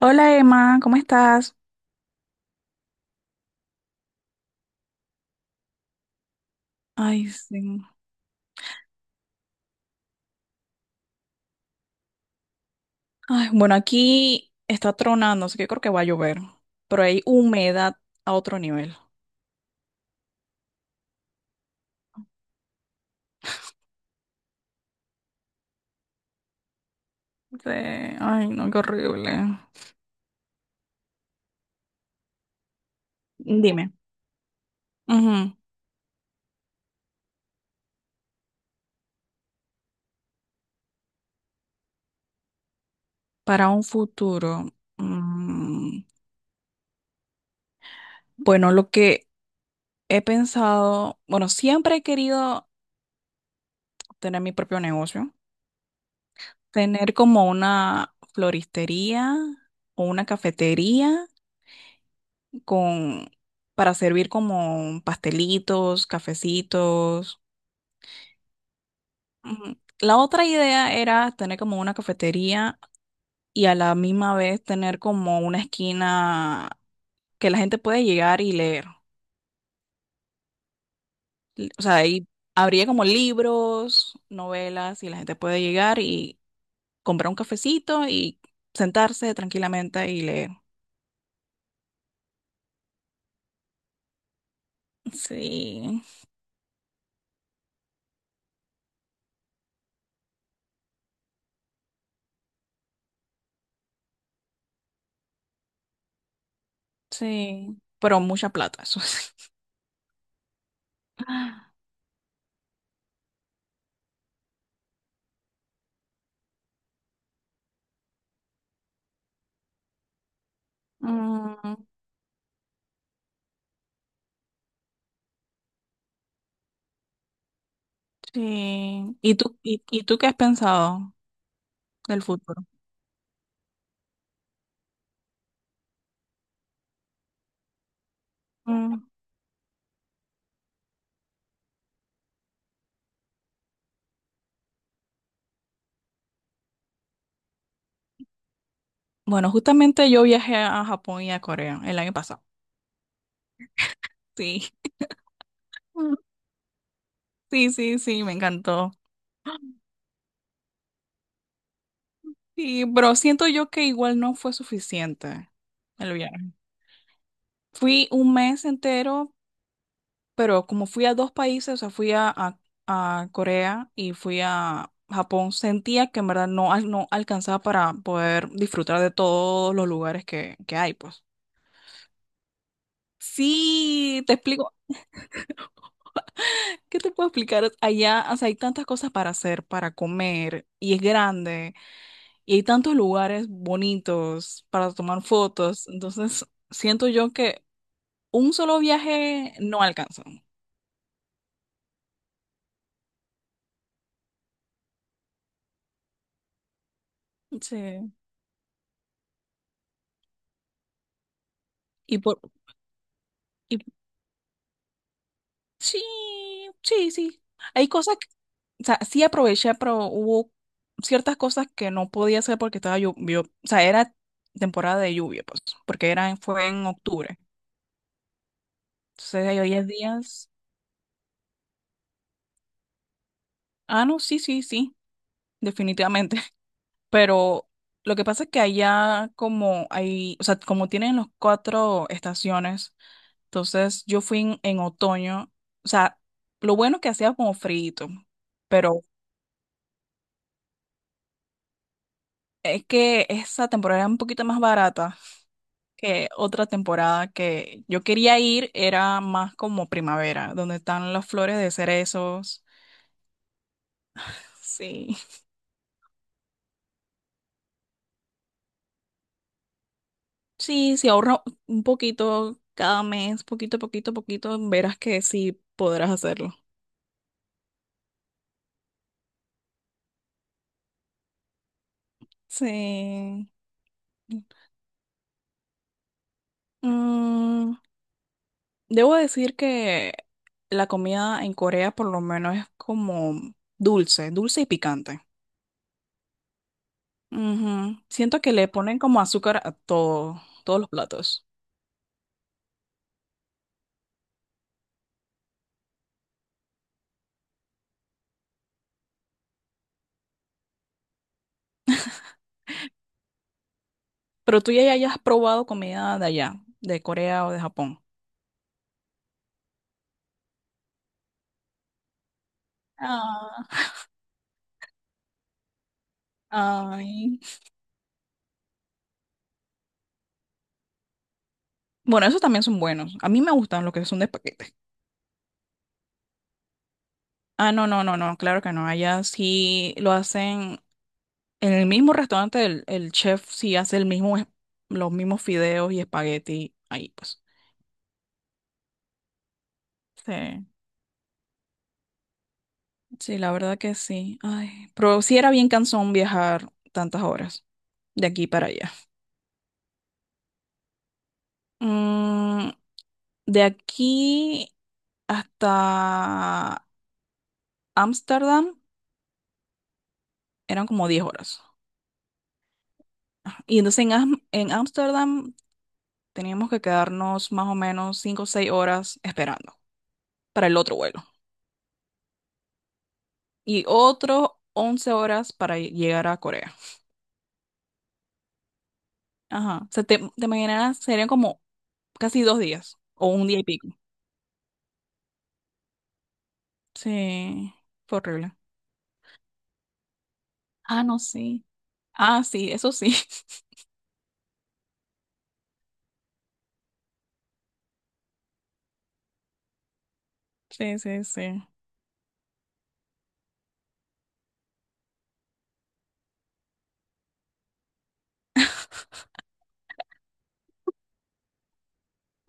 Hola Emma, ¿cómo estás? Ay, sí. Ay, bueno, aquí está tronando, así que creo que va a llover, pero hay humedad a otro nivel. Sí. Ay, no, qué horrible. Dime. Ujú. Para un futuro. mm, bueno, lo que he pensado, bueno, siempre he querido tener mi propio negocio, tener como una floristería o una cafetería con, para servir como pastelitos, cafecitos. Ujú. La otra idea era tener como una cafetería y a la misma vez tener como una esquina que la gente puede llegar y leer. O sea, ahí habría como libros, novelas y la gente puede llegar y comprar un cafecito y sentarse tranquilamente y leer. Sí, sí, pero mucha plata, eso sí. Sí. ¿Y tú, y tú qué has pensado del futuro? Mm. Bueno, justamente yo viajé a Japón y a Corea el año pasado. Sí. Mm. Sí, sí, sí, me encantó. Sí, pero siento yo que igual no fue suficiente el viaje. Fui un mes entero, pero como fui a dos países, o sea, a Corea y fui a Japón, sentía que en verdad no alcanzaba para poder disfrutar de todos los lugares que hay, pues. Sí, te explico. ¿Qué te puedo explicar? Allá, o sea, hay tantas cosas para hacer, para comer, y es grande, y hay tantos lugares bonitos para tomar fotos. Entonces, siento yo que un solo viaje no alcanza. Sí. Y por, y sí, sí, sí. Hay cosas que, o sea, sí aproveché, pero hubo ciertas cosas que no podía hacer porque estaba lluvia, o sea, era temporada de lluvia, pues, porque fue en octubre. Entonces, hay 10 días. Ah, no, sí, sí, sí. Definitivamente. Pero lo que pasa es que allá como hay, o sea, como tienen los cuatro estaciones, entonces yo fui en otoño, o sea, lo bueno que hacía como frío, pero es que esa temporada era un poquito más barata que otra temporada que yo quería ir, era más como primavera, donde están las flores de cerezos. Sí, sí, si ahorro un poquito cada mes, poquito, poquito, poquito, verás que sí podrás hacerlo. Sí. Mm, Debo decir que la comida en Corea por lo menos es como dulce, dulce y picante. Ujú. Siento que le ponen como azúcar a todo, todos los platos. Pero tú ya hayas probado comida de allá, de Corea o de Japón. Ah, ay. Bueno, esos también son buenos. A mí me gustan los que son de paquete. Ah, no, no, no, no, claro que no. Allá sí lo hacen. En el mismo restaurante el chef sí hace los mismos fideos y espagueti ahí, pues. Sí, sí, la verdad que sí. Ay, pero sí era bien cansón viajar tantas horas de aquí para allá. Mm, de aquí hasta Ámsterdam eran como 10 horas. Ajá. Y entonces en en Ámsterdam teníamos que quedarnos más o menos cinco o 6 horas esperando para el otro vuelo. Y otros 11 horas para llegar a Corea. Ajá. O sea, te imaginarás serían como casi 2 días o un día y pico. Sí, fue horrible. Ah, no, sí. Ah, sí, eso sí. Sí, sí, sí.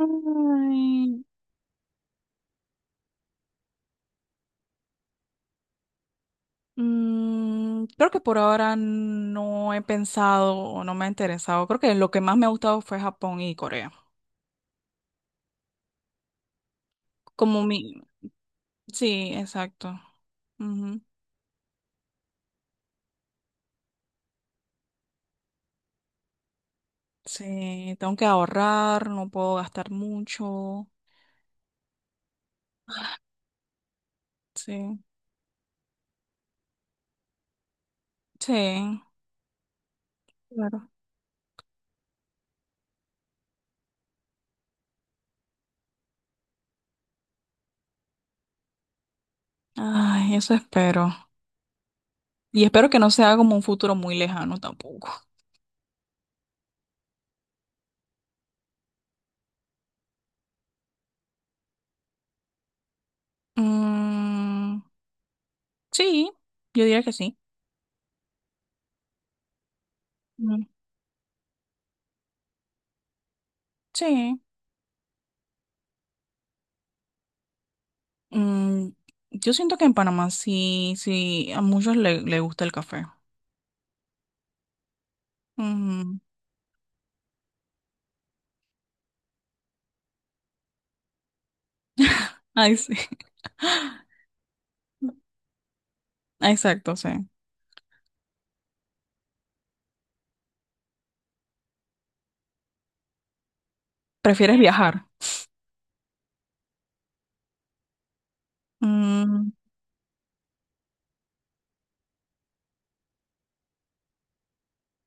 Ay, creo que por ahora no he pensado o no me ha interesado. Creo que lo que más me ha gustado fue Japón y Corea. Como mi... Sí, exacto. Ujú. Sí, tengo que ahorrar, no puedo gastar mucho. Sí, sí, claro. Ay, eso espero. Y espero que no sea como un futuro muy lejano tampoco. Mm, sí, yo diría que sí. Mm, sí. Mm, yo siento que en Panamá sí, sí, a muchos le gusta el café. Mm, ay, sí. Exacto, sí. ¿Prefieres viajar? Mm,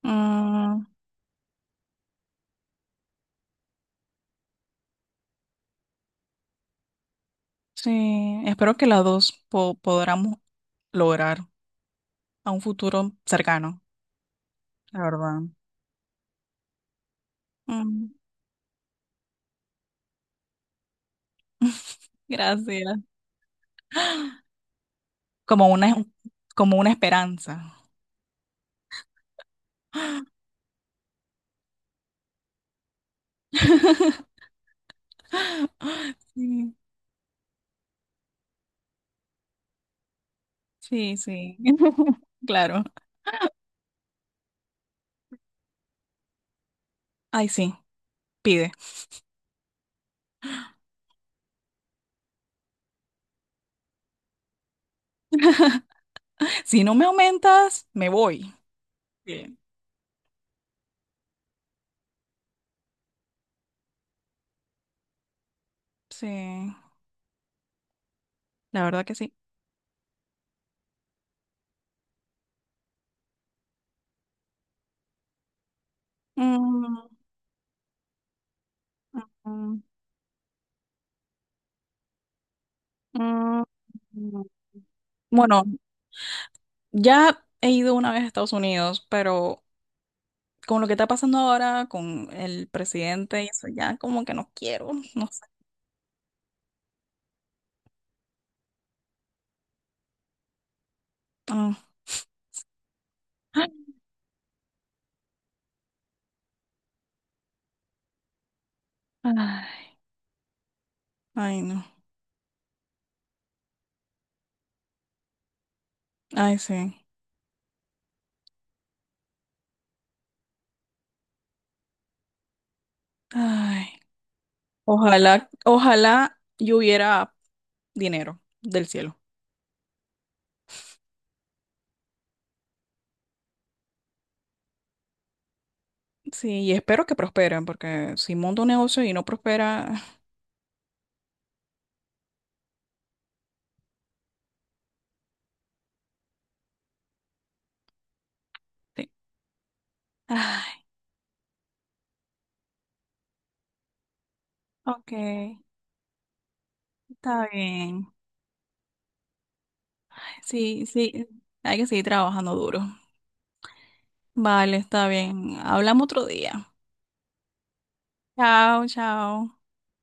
mm, sí, espero que las dos podamos lograr a un futuro cercano, la verdad. Mm. Gracias. Como una, como una esperanza. Sí. Sí, sí. Claro. Ay, sí, pide. Si no me aumentas, me voy. Bien. Sí, la verdad que sí. Mm, mm, mm, mm. Bueno, ya he ido una vez a Estados Unidos, pero con lo que está pasando ahora con el presidente y eso, ya como que no quiero, no sé. Ah. Ay, ay, no. Ay, sí. Ay. Ojalá, ojalá yo hubiera dinero del cielo. Sí, y espero que prosperen, porque si monto un negocio y no prospera, sí. Ah, ok, está bien. Sí, sí, hay que seguir trabajando duro. Vale, está bien. Hablamos otro día. Chao, chao.